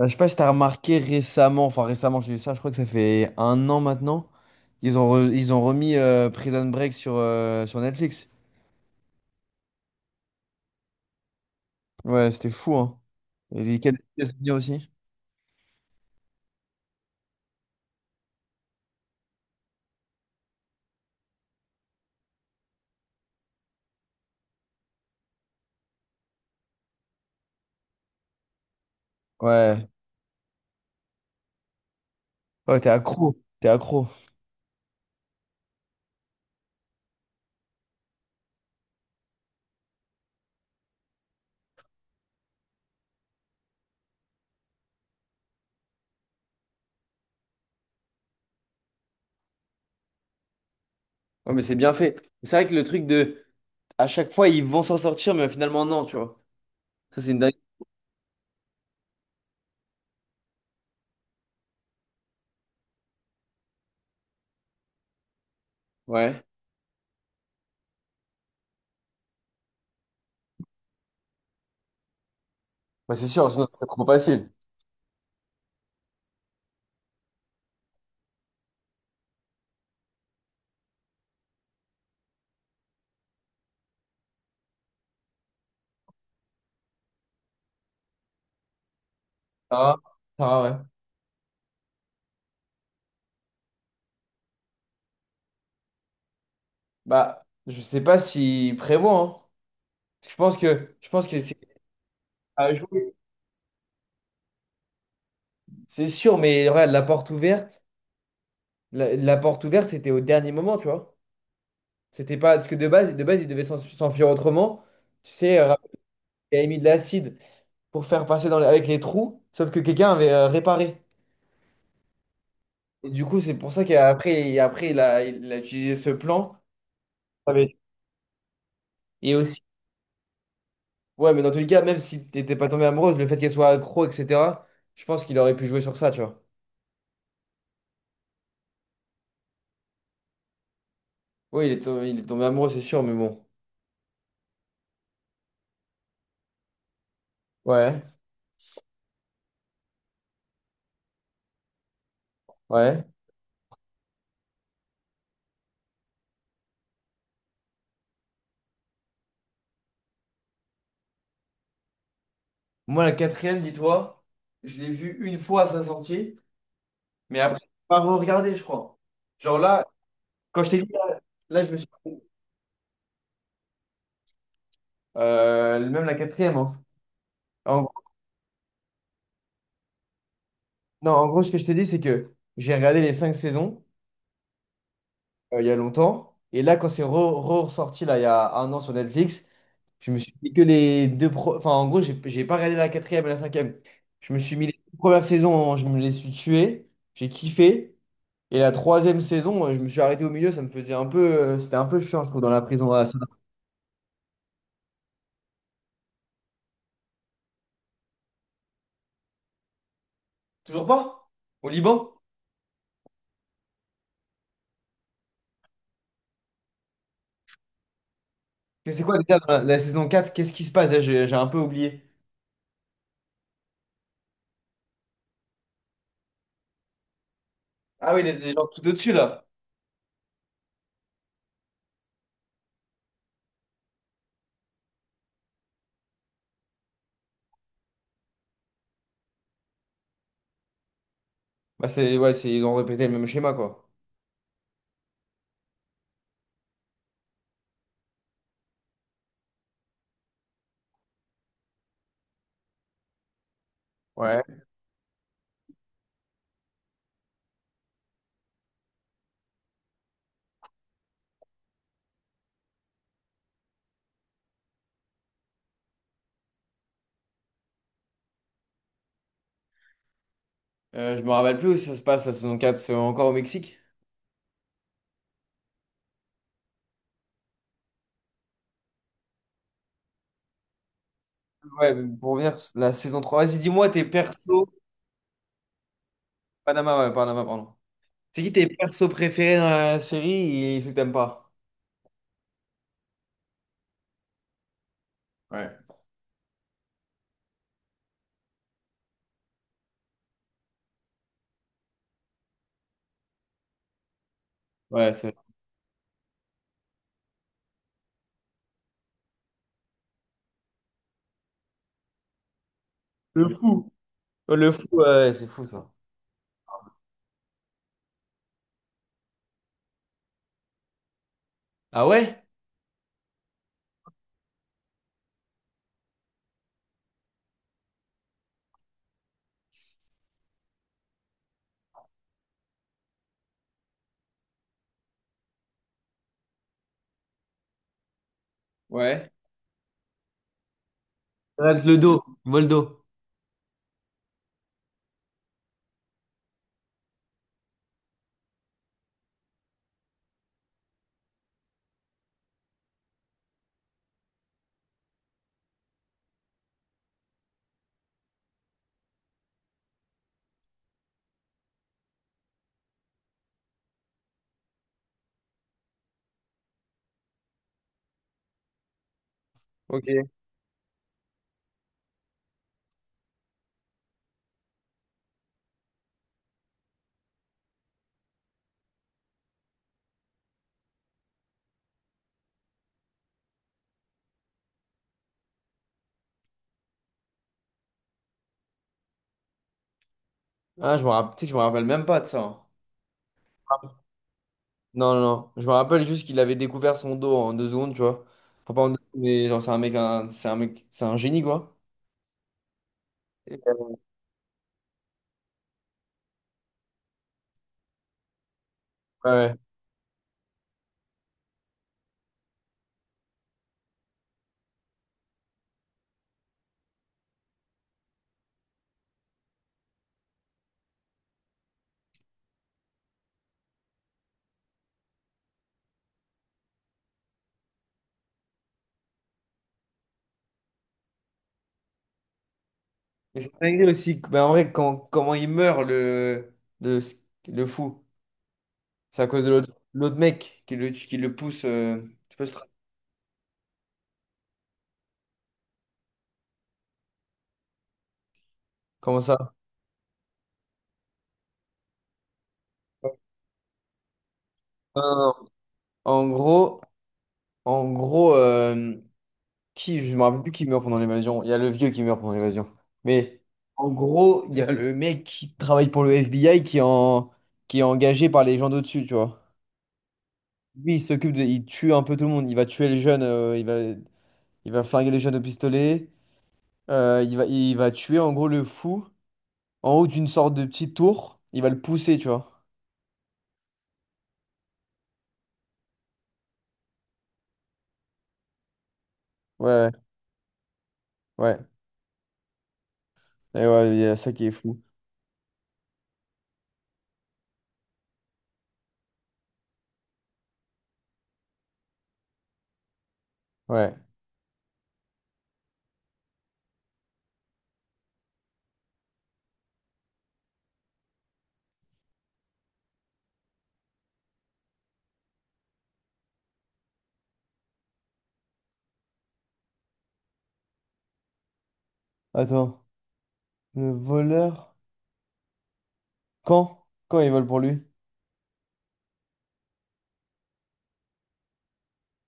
Je sais pas si t'as remarqué récemment, enfin récemment, je dis ça, je crois que ça fait un an maintenant, ils ont, ils ont remis Prison Break sur, sur Netflix. Ouais, c'était fou, hein. Et quel souvenir aussi? Ouais. Ouais, t'es accro, t'es accro. Ouais, mais c'est bien fait. C'est vrai que le truc de, à chaque fois, ils vont s'en sortir, mais finalement, non, tu vois. Ça, c'est une dingue. Ouais. Bah, c'est sûr, sinon, ce serait trop facile. Ça va, ça va, ouais. Bah, je sais pas s'ils prévoit hein. Parce que je pense que c'est à jouer. C'est sûr, mais regarde, la porte ouverte, la porte ouverte, c'était au dernier moment, tu vois. C'était pas. Parce que de base, ils devaient s'enfuir autrement. Tu sais, il avait mis de l'acide pour faire passer dans avec les trous, sauf que quelqu'un avait réparé. Et du coup, c'est pour ça qu'après, après, il a utilisé ce plan. Ah oui. Et aussi. Ouais, mais dans tous les cas, même si t'étais pas tombé amoureuse, le fait qu'elle soit accro, etc., je pense qu'il aurait pu jouer sur ça, tu vois. Oui, il est, il est tombé amoureux, c'est sûr, mais bon. Ouais, ouais. Moi, la quatrième, dis-toi, je l'ai vue une fois à sa sortie, mais après, je l'ai pas re-regardé, je crois. Genre là, quand je t'ai dit, là, je me suis. Même la quatrième, hein. En- non, en gros, ce que je te dis, c'est que j'ai regardé les cinq saisons il y a longtemps. Et là, quand c'est ressorti, là, il y a un an sur Netflix, je me suis dit que les deux. Enfin, en gros, j'ai pas regardé la quatrième et la cinquième. Je me suis mis les deux premières saisons, je me les suis tuées. J'ai kiffé. Et la troisième saison, je me suis arrêté au milieu, ça me faisait un peu. C'était un peu chiant, je trouve, dans la prison, à Sodome. Toujours pas? Au Liban? Mais c'est quoi déjà dans la, la saison quatre? Qu'est-ce qui se passe? Là, j'ai un peu oublié. Ah oui, les gens tout au-dessus là. Bah c'est ouais, c'est ils ont répété le même schéma quoi. Ouais. Je me rappelle plus où ça se passe la saison quatre, c'est encore au Mexique. Ouais, mais pour revenir, la saison 3. Vas-y, dis-moi tes persos. Panama, ouais, Panama, pardon. C'est qui tes persos préférés dans la série et ceux que t'aimes pas? Ouais. Ouais, c'est. Le fou. Le fou, ouais, c'est fou ça. Ah ouais? Ouais, Rex le dos, Voldo. Ok. Ah, je me rappelle, tu sais que je me rappelle même pas de ça, hein. Non, non, non. Je me rappelle juste qu'il avait découvert son dos en deux secondes, tu vois. Enfin, pas en deux secondes, mais genre, c'est un mec, c'est un mec, c'est un génie, quoi. Et ouais. Et c'est dingue aussi, ben, en vrai, quand, comment il meurt, le, le fou, c'est à cause de l'autre mec qui le pousse, tu peux se... Comment ça? Non, non, non. En gros, en gros, qui, je me rappelle plus qui meurt pendant l'évasion. Il y a le vieux qui meurt pendant l'évasion. Mais en gros, il y a le mec qui travaille pour le FBI qui est, qui est engagé par les gens d'au-dessus, tu vois. Lui, il s'occupe de... Il tue un peu tout le monde. Il va tuer les jeunes, il va flinguer les jeunes au pistolet. Il va tuer, en gros, le fou en haut d'une sorte de petite tour. Il va le pousser, tu vois. Ouais, ouais. Et ouais, il y a ça qui est fou. Ouais. Attends. Le voleur... Quand? Quand il vole pour lui?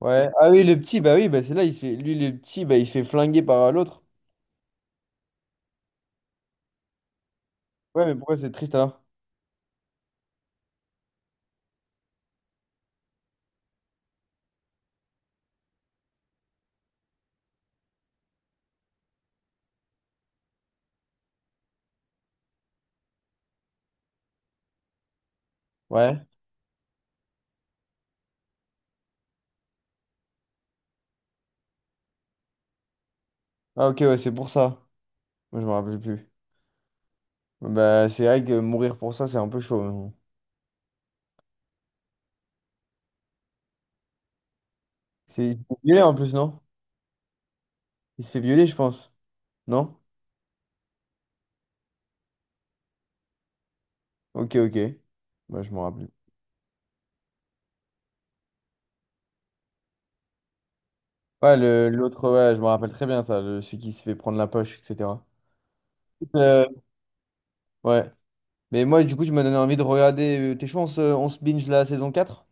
Ouais. Ah oui, le petit, bah oui, bah c'est là, il se fait... lui, le petit, bah il se fait flinguer par l'autre. Ouais, mais pourquoi c'est triste alors? Ouais. Ah ok, ouais, c'est pour ça. Moi, je me rappelle plus. Bah, c'est vrai que mourir pour ça, c'est un peu chaud, mais bon. C'est il se fait violer en plus, non? Il se fait violer, je pense. Non? Ok, ok. Bah, je me rappelle. Ouais, l'autre, ouais, je me rappelle très bien ça, celui qui se fait prendre la poche, etc. Euh, Ouais. Mais moi, du coup, tu m'as donné envie de regarder, t'es chaud, on se binge la saison 4